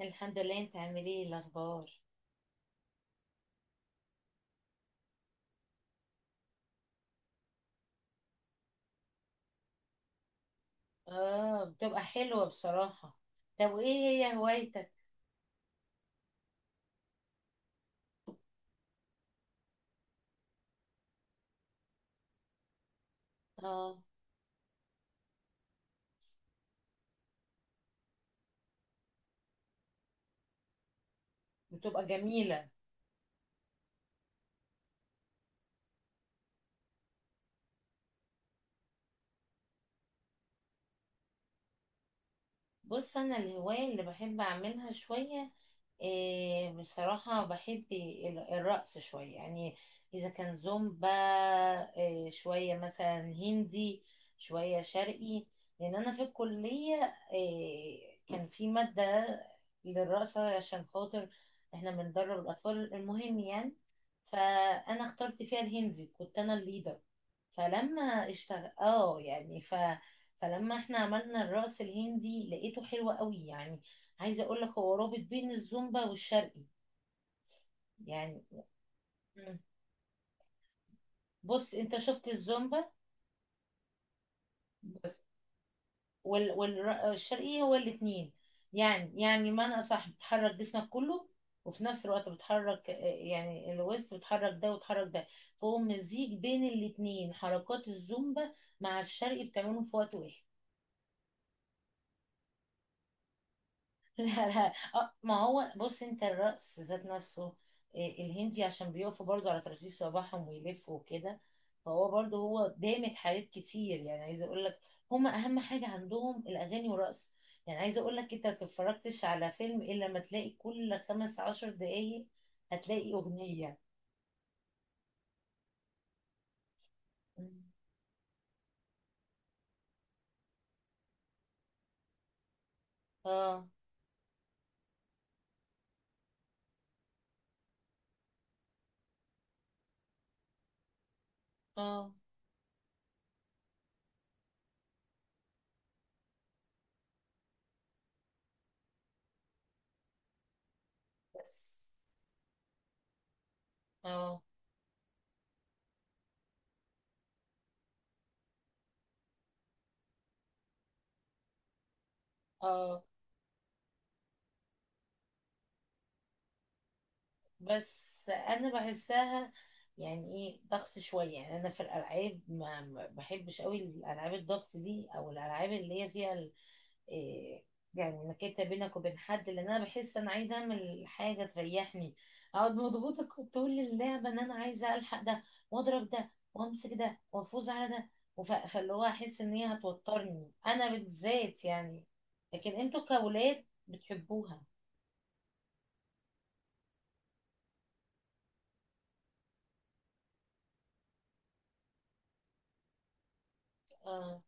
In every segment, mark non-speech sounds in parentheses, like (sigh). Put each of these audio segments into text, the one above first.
الحمد لله، انت عامل ايه؟ إيه الاخبار؟ اه، بتبقى حلوة بصراحة. طب وايه هي هوايتك؟ اه، بتبقى جميلة. بص، انا الهواية اللي بحب اعملها شوية إيه، بصراحة بحب الرقص شوية يعني. إذا كان زومبا إيه، شوية مثلا هندي، شوية شرقي. لأن أنا في الكلية إيه، كان في مادة للرقصة عشان خاطر إحنا بندرب الأطفال، المهم يعني. فأنا اخترت فيها الهندي، كنت أنا الليدر. فلما اشتغل يعني فلما احنا عملنا الرقص الهندي، لقيته حلو قوي يعني. عايزه اقول لك، هو رابط بين الزومبا والشرقي يعني. مم. بص انت شفت الزومبا بس، والشرقي هو الاتنين يعني، يعني معنى صح، بتحرك جسمك كله وفي نفس الوقت بتحرك، يعني الوسط بتحرك ده وتحرك ده. فهو مزيج بين الاتنين، حركات الزومبا مع الشرقي بتعملهم في وقت واحد. (laughs) لا لا، اه، ما هو بص، انت الرقص ذات نفسه إيه، الهندي عشان بيقفوا برضو على طراطيف صباعهم ويلفوا وكده. فهو برضو هو دامت حاجات كتير يعني، عايزه اقول لك هما اهم حاجه عندهم الاغاني والرقص. يعني عايزه اقول لك، انت ما تتفرجتش على فيلم الا لما تلاقي كل خمس عشر دقايق هتلاقي اغنيه. مم. اه، اه، بس، اه، اه، بس انا بحسها، يعني ايه ضغط شويه يعني. انا في الالعاب ما بحبش قوي الالعاب الضغط دي، او الالعاب اللي هي فيها إيه، يعني نكته بينك وبين حد، لان انا بحس انا عايزه اعمل حاجه تريحني. اقعد مضغوطه طول اللعبه ان انا عايزه الحق ده، واضرب ده وامسك ده وافوز على ده. فاللي هو، احس ان هي هتوترني انا بالذات يعني. لكن انتوا كولاد بتحبوها. اه،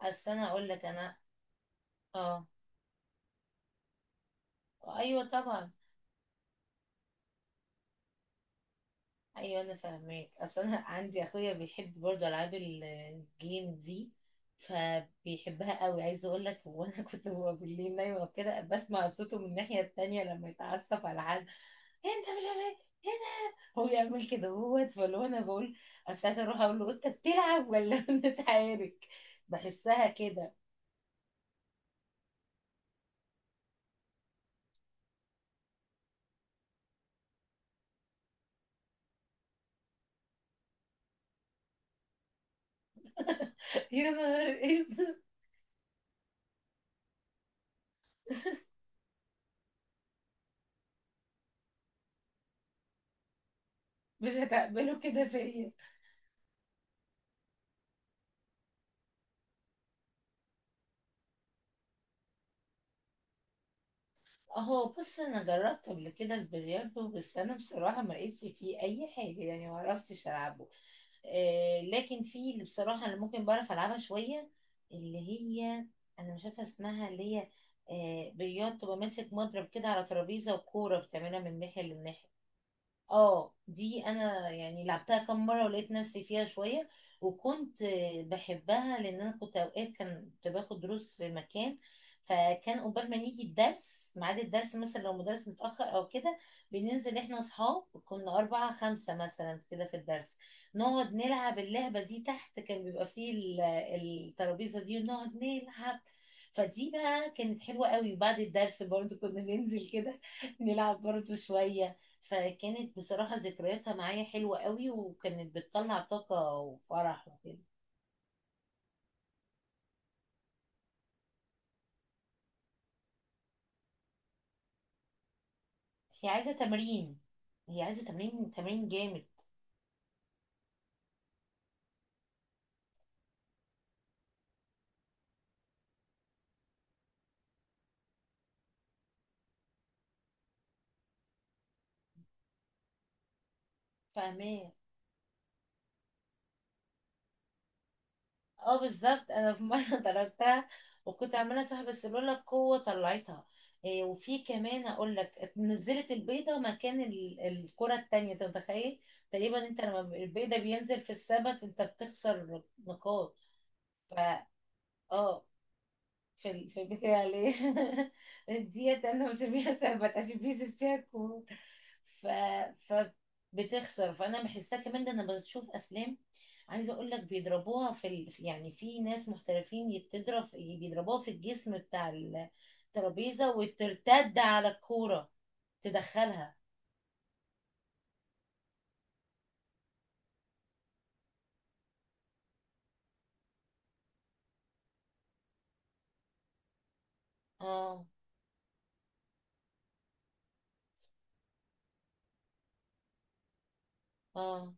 اصل انا اقول لك انا، اه، ايوه طبعا. ايوه انا فاهماك، اصل انا عندي اخويا بيحب برضه العاب الجيم دي، فبيحبها قوي. عايزه اقول لك، وانا (laughs) كنت ببقى بالليل نايمه وكده، بسمع صوته من الناحيه التانية لما يتعصب على حد: "إيه انت مش عارف ايه هنا، هو يعمل كده هو". فاللي هو انا بقول ساعات اروح اقول له: انت بتلعب ولا (laughs) بنتعارك؟ بحسها كده. يا نهار اسود، مش هتقبله كده فيا. اهو، بص انا جربت قبل كده البلياردو، بس انا بصراحه ما لقيتش فيه اي حاجه يعني، ما عرفتش العبه. آه، لكن في اللي بصراحه انا ممكن بعرف العبها شويه، اللي هي، انا مش عارفه اسمها، اللي هي، آه، بلياردو، تبقى ماسك مضرب كده على ترابيزه وكوره بتعملها من ناحيه للناحيه. اه، دي انا يعني لعبتها كام مره ولقيت نفسي فيها شويه. وكنت بحبها لان انا كنت اوقات كنت باخد دروس في مكان. فكان قبل ما يجي الدرس ميعاد الدرس، مثلا لو مدرس متاخر او كده، بننزل احنا اصحاب، كنا اربعه خمسه مثلا كده في الدرس، نقعد نلعب اللعبه دي تحت. كان بيبقى فيه الترابيزه دي ونقعد نلعب. فدي بقى كانت حلوة قوي، بعد الدرس برضو كنا ننزل كده (laughs) نلعب برضو شوية. فكانت بصراحة ذكرياتها معايا حلوة قوي، وكانت بتطلع طاقة وفرح وكده. هي عايزة تمرين، هي عايزة تمرين، تمرين جامد. فاهماه. اه بالظبط، انا في مرة (laughs) ضربتها، وكنت عمالة صاحب، بس لولا القوة طلعتها. إيه، وفي كمان اقول لك، نزلت البيضة مكان الكرة التانية، انت متخيل؟ تقريبا انت لما البيضة بينزل في السبت انت بتخسر نقاط. فا اه، في في البيت العيلية (laughs) ديت أنا بسميها سهبت عشان بينزل فيها الكورة. ف... فبتخسر، فأنا بحسها كمان. ده أنا بشوف أفلام، عايزة أقول لك بيضربوها يعني في ناس محترفين بتضرب بيضربوها في الجسم بتاع الترابيزة، وترتد على الكورة تدخلها. اه. اه.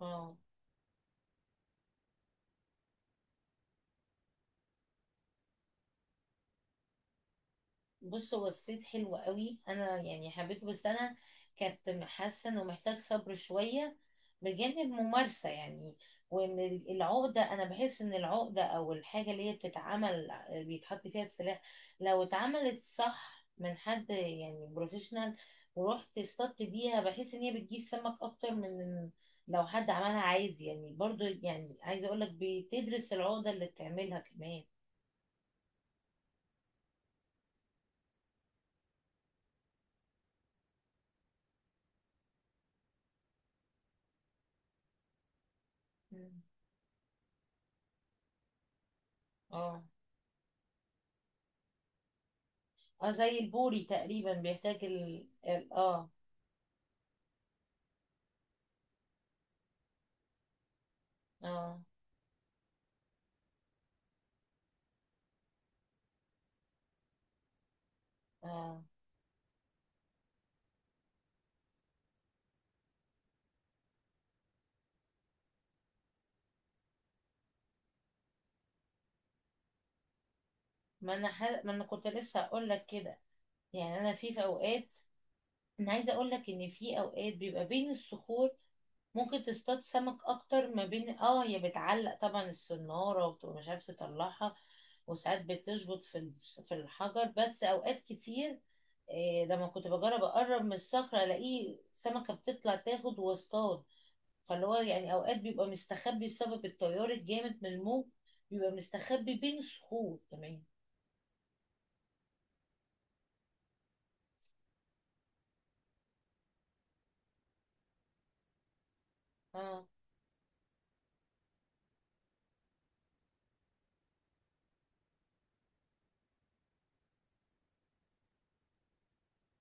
اه، بص هو الصيد حلو قوي، انا يعني حبيته، بس انا كنت حاسه انه محتاج صبر شويه بجانب ممارسه يعني. وان العقده، انا بحس ان العقده او الحاجه اللي هي بتتعمل بيتحط فيها السلاح، لو اتعملت صح من حد يعني بروفيشنال، ورحت اصطدت بيها، بحس ان هي بتجيب سمك اكتر من لو حد عملها عادي يعني. برضو يعني عايزه اقول لك، بتدرس العقده اللي بتعملها كمان. مم. اه، اه، زي البوري تقريبا، بيحتاج اه. اه، اه، ما انا كنت لسه هقول لك كده، يعني انا في اوقات، انا عايزه اقول لك ان في اوقات بيبقى بين الصخور، ممكن تصطاد سمك اكتر ما بين، اه هي بتعلق طبعا السناره وبتبقى مش عارفه تطلعها، وساعات بتشبط في في الحجر، بس اوقات كتير إيه لما كنت بجرب اقرب من الصخره، الاقي سمكه بتطلع تاخد واصطاد. فاللي هو يعني اوقات بيبقى مستخبي بسبب التيار الجامد من الموج، بيبقى مستخبي بين الصخور كمان. اه.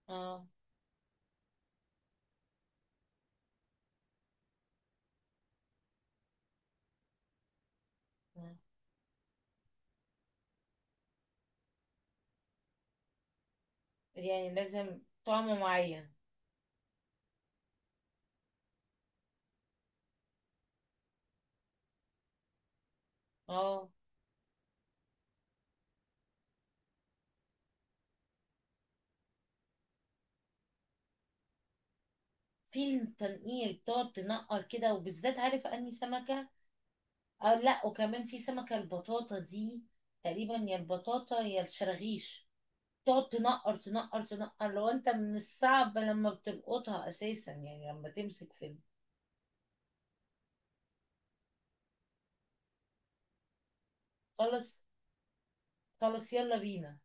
اه. آه. يعني لازم طعم معين. اه، في التنقيل بتقعد تنقر كده، وبالذات عارف اني سمكة. اه، لا، وكمان في سمكة البطاطا دي، تقريبا يا البطاطا يا الشراغيش، تقعد تنقر تنقر تنقر، لو انت من الصعب لما بتلقطها اساسا، يعني لما تمسك في. خلاص، خلاص يلا بينا.